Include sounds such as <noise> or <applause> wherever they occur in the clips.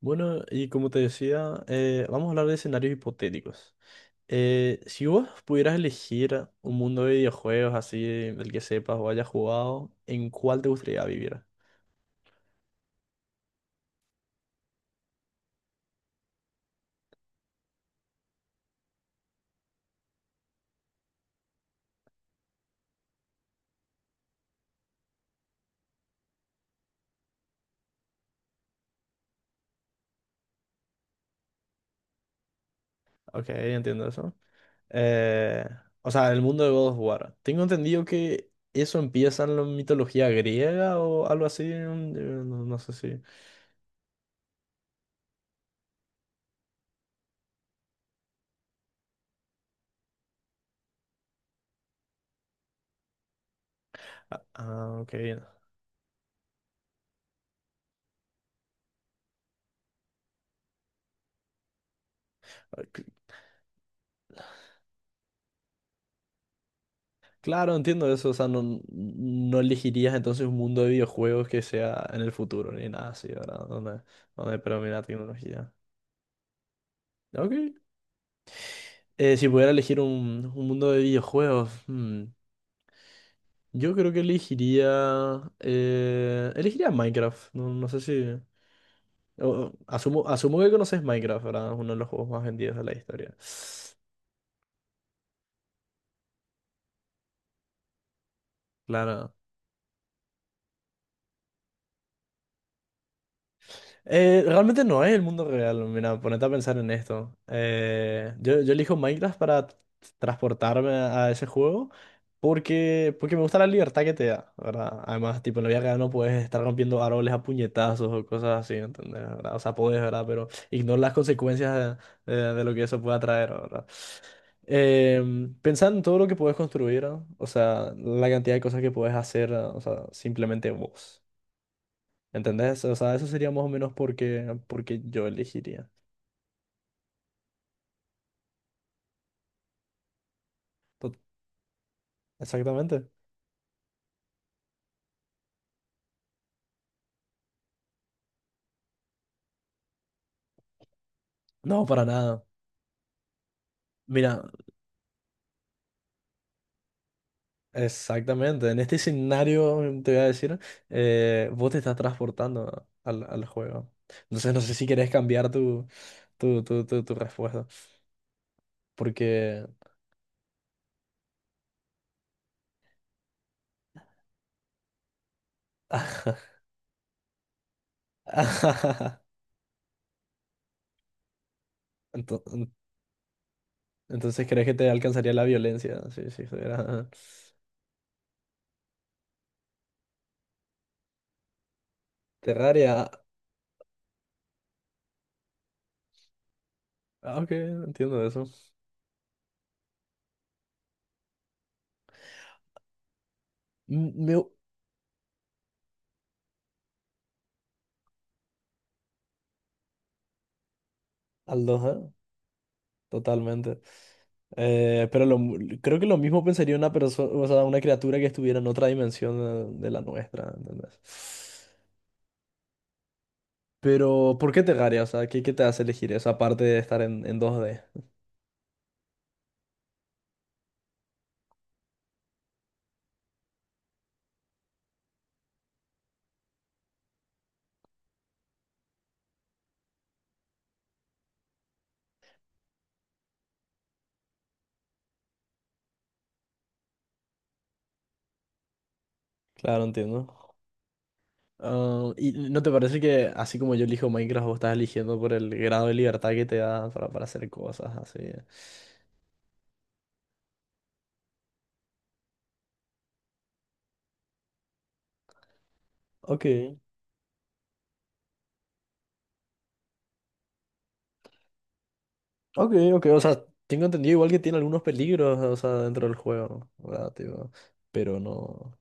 Bueno, y como te decía, vamos a hablar de escenarios hipotéticos. Si vos pudieras elegir un mundo de videojuegos así, del que sepas o hayas jugado, ¿en cuál te gustaría vivir? Ok, entiendo eso. Eh, o sea, el mundo de God of War. Tengo entendido que eso empieza en la mitología griega o algo así. No, no sé si. Ah, ah, ok. Claro, entiendo eso, o sea, no, no elegirías entonces un mundo de videojuegos que sea en el futuro, ni nada así, ¿verdad? Donde predomina la tecnología. Ok. Si pudiera elegir un mundo de videojuegos, hmm, yo creo que elegiría... elegiría Minecraft, no, no sé si... asumo, asumo que conoces Minecraft, ¿verdad? Es uno de los juegos más vendidos de la historia. Claro. Realmente no es el mundo real. Mira, ponete a pensar en esto. Yo elijo Minecraft para transportarme a ese juego porque, porque me gusta la libertad que te da, ¿verdad? Además, tipo, en la vida real no puedes estar rompiendo árboles a puñetazos o cosas así, ¿entendés? ¿Verdad? O sea, podés, ¿verdad? Pero ignora las consecuencias de lo que eso pueda traer, ¿verdad? Eh, Pensá en todo lo que puedes construir, ¿no? O sea, la cantidad de cosas que puedes hacer, ¿no? O sea, simplemente vos. ¿Entendés? O sea, eso sería más o menos porque, porque yo elegiría. Tot- Exactamente. No, para nada. Mira, exactamente. En este escenario, te voy a decir, vos te estás transportando al, al juego. Entonces, no sé si querés cambiar tu respuesta. Porque... <laughs> Ento- en- Entonces, ¿crees que te alcanzaría la violencia? Sí, sí, estuviera... Terraria. Ah, ok, entiendo eso. Me... Al 2 ¿eh? Totalmente. Pero creo que lo mismo pensaría una persona, o sea, una criatura que estuviera en otra dimensión de la nuestra, ¿entendés? Pero, ¿por qué Terraria? O sea, ¿qué te hace elegir eso aparte de estar en 2D? Claro, entiendo. Ah, ¿y no te parece que así como yo elijo Minecraft, vos estás eligiendo por el grado de libertad que te da para hacer cosas así? Ok, ok, ok. O sea, tengo entendido igual que tiene algunos peligros, o sea, dentro del juego, ¿verdad? Tipo, pero no.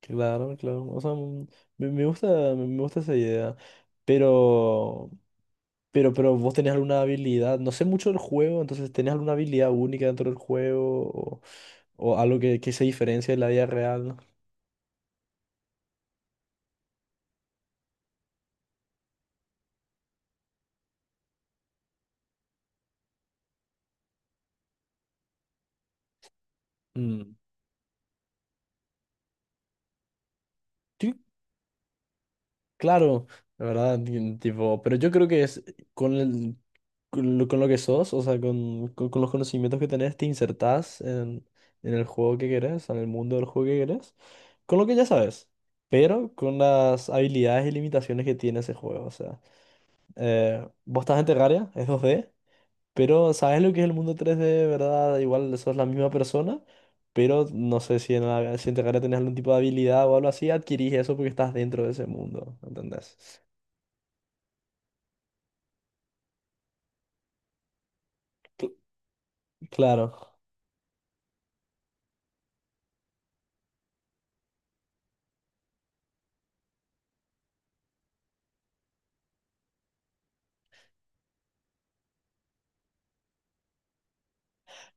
Claro, claro. O sea, mm, me gusta, me gusta esa idea. Pero, pero vos tenés alguna habilidad. No sé mucho del juego, entonces tenés alguna habilidad única dentro del juego o algo que se diferencia de la vida real. ¿No? Mm. Sí, claro, la verdad, tipo, pero yo creo que es con el con lo que sos, o sea, con los conocimientos que tenés, te insertás en el juego que querés, en el mundo del juego que querés, con lo que ya sabes, pero con las habilidades y limitaciones que tiene ese juego. O sea, vos estás en Terraria, es dos d pero sabes lo que es el mundo tres d, ¿verdad? Igual sos la misma persona, pero no sé si si en Terraria tenés algún tipo de habilidad o algo así, adquirís eso porque estás dentro de ese mundo, ¿entendés? Cl- Claro.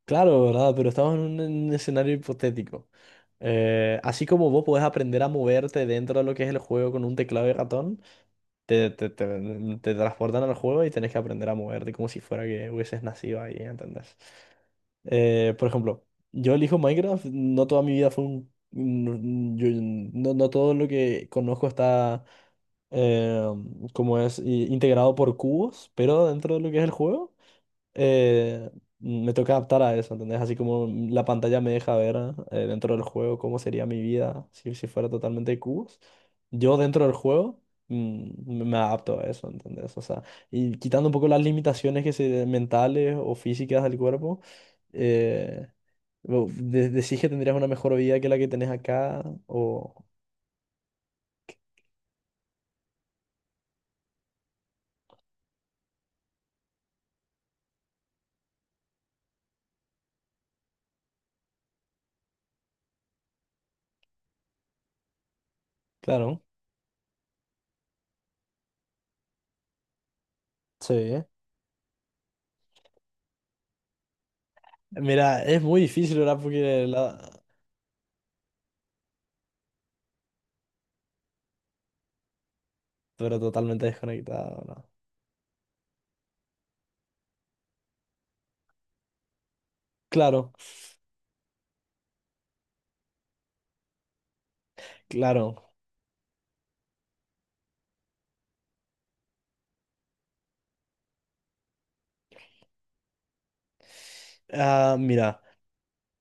Claro, ¿verdad? Pero estamos en un escenario hipotético. Así como vos podés aprender a moverte dentro de lo que es el juego con un teclado y ratón, te transportan al juego y tenés que aprender a moverte como si fuera que hubieses nacido ahí, ¿entendés? Por ejemplo, yo elijo Minecraft, no toda mi vida fue un... no, no todo lo que conozco está, eh, como es, integrado por cubos, pero dentro de lo que es el juego eh, me tengo que adaptar a eso, ¿entendés? Así como la pantalla me deja ver dentro del juego cómo sería mi vida si, si fuera totalmente de cubos, yo dentro del juego mm, me adapto a eso, ¿entendés? O sea, y quitando un poco las limitaciones que se, mentales o físicas del cuerpo, eh, decís que tendrías una mejor vida que la que tenés acá, o... Claro, sí. Mira, es muy difícil, ¿verdad? Porque la... Pero totalmente desconectado, ¿no? Claro, claro. Ah, mira.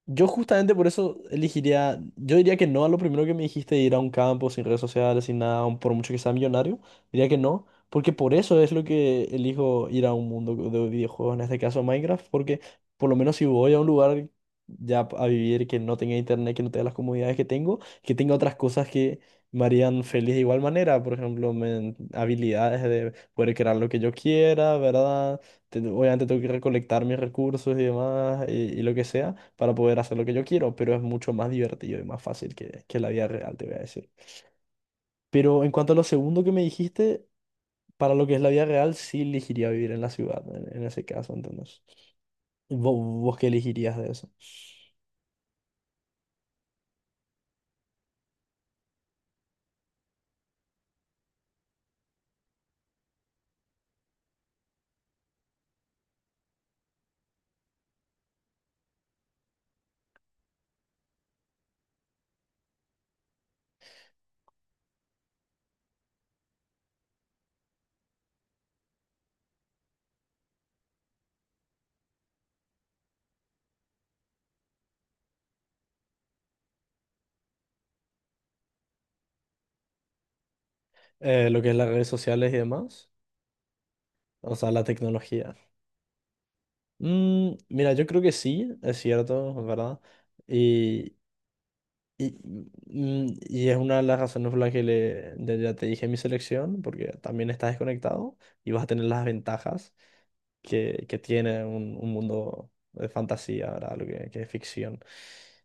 Yo justamente por eso elegiría, yo diría que no a lo primero que me dijiste, ir a un campo sin redes sociales, sin nada, aun por mucho que sea millonario, diría que no, porque por eso es lo que elijo ir a un mundo de videojuegos, en este caso Minecraft, porque por lo menos si voy a un lugar ya a vivir que no tenga internet, que no tenga las comodidades que tengo, que tenga otras cosas que me harían feliz de igual manera, por ejemplo, habilidades de poder crear lo que yo quiera, ¿verdad? Obviamente tengo que recolectar mis recursos y demás y lo que sea para poder hacer lo que yo quiero, pero es mucho más divertido y más fácil que la vida real, te voy a decir. Pero en cuanto a lo segundo que me dijiste, para lo que es la vida real, sí elegiría vivir en la ciudad, en ese caso, entonces. ¿Vos, ¿Vos qué elegirías de eso? Lo que es las redes sociales y demás, o sea, la tecnología. Mm, mira, yo creo que sí, es cierto, es verdad. Y, y, y es una de las razones por las que le, ya ya te dije mi selección, porque también estás desconectado y vas a tener las ventajas que tiene un mundo de fantasía, ¿verdad? Que es ficción.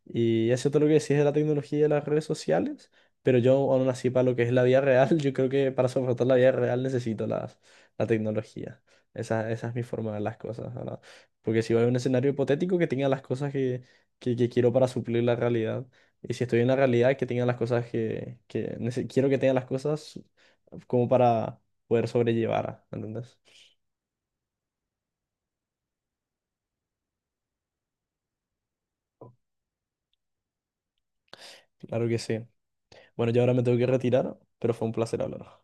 Y eso es todo lo que decís de la tecnología y de las redes sociales, pero yo aún así para lo que es la vida real, <laughs> yo creo que para soportar la vida real necesito las, la tecnología. Esa es mi forma de ver las cosas, ¿verdad? Porque si voy a un escenario hipotético que tenga las cosas que quiero para suplir la realidad, y si estoy en la realidad que tenga las cosas que, quiero que tenga las cosas como para poder sobrellevar, ¿entendés? Claro que sí. Bueno, yo ahora me tengo que retirar, pero fue un placer hablar.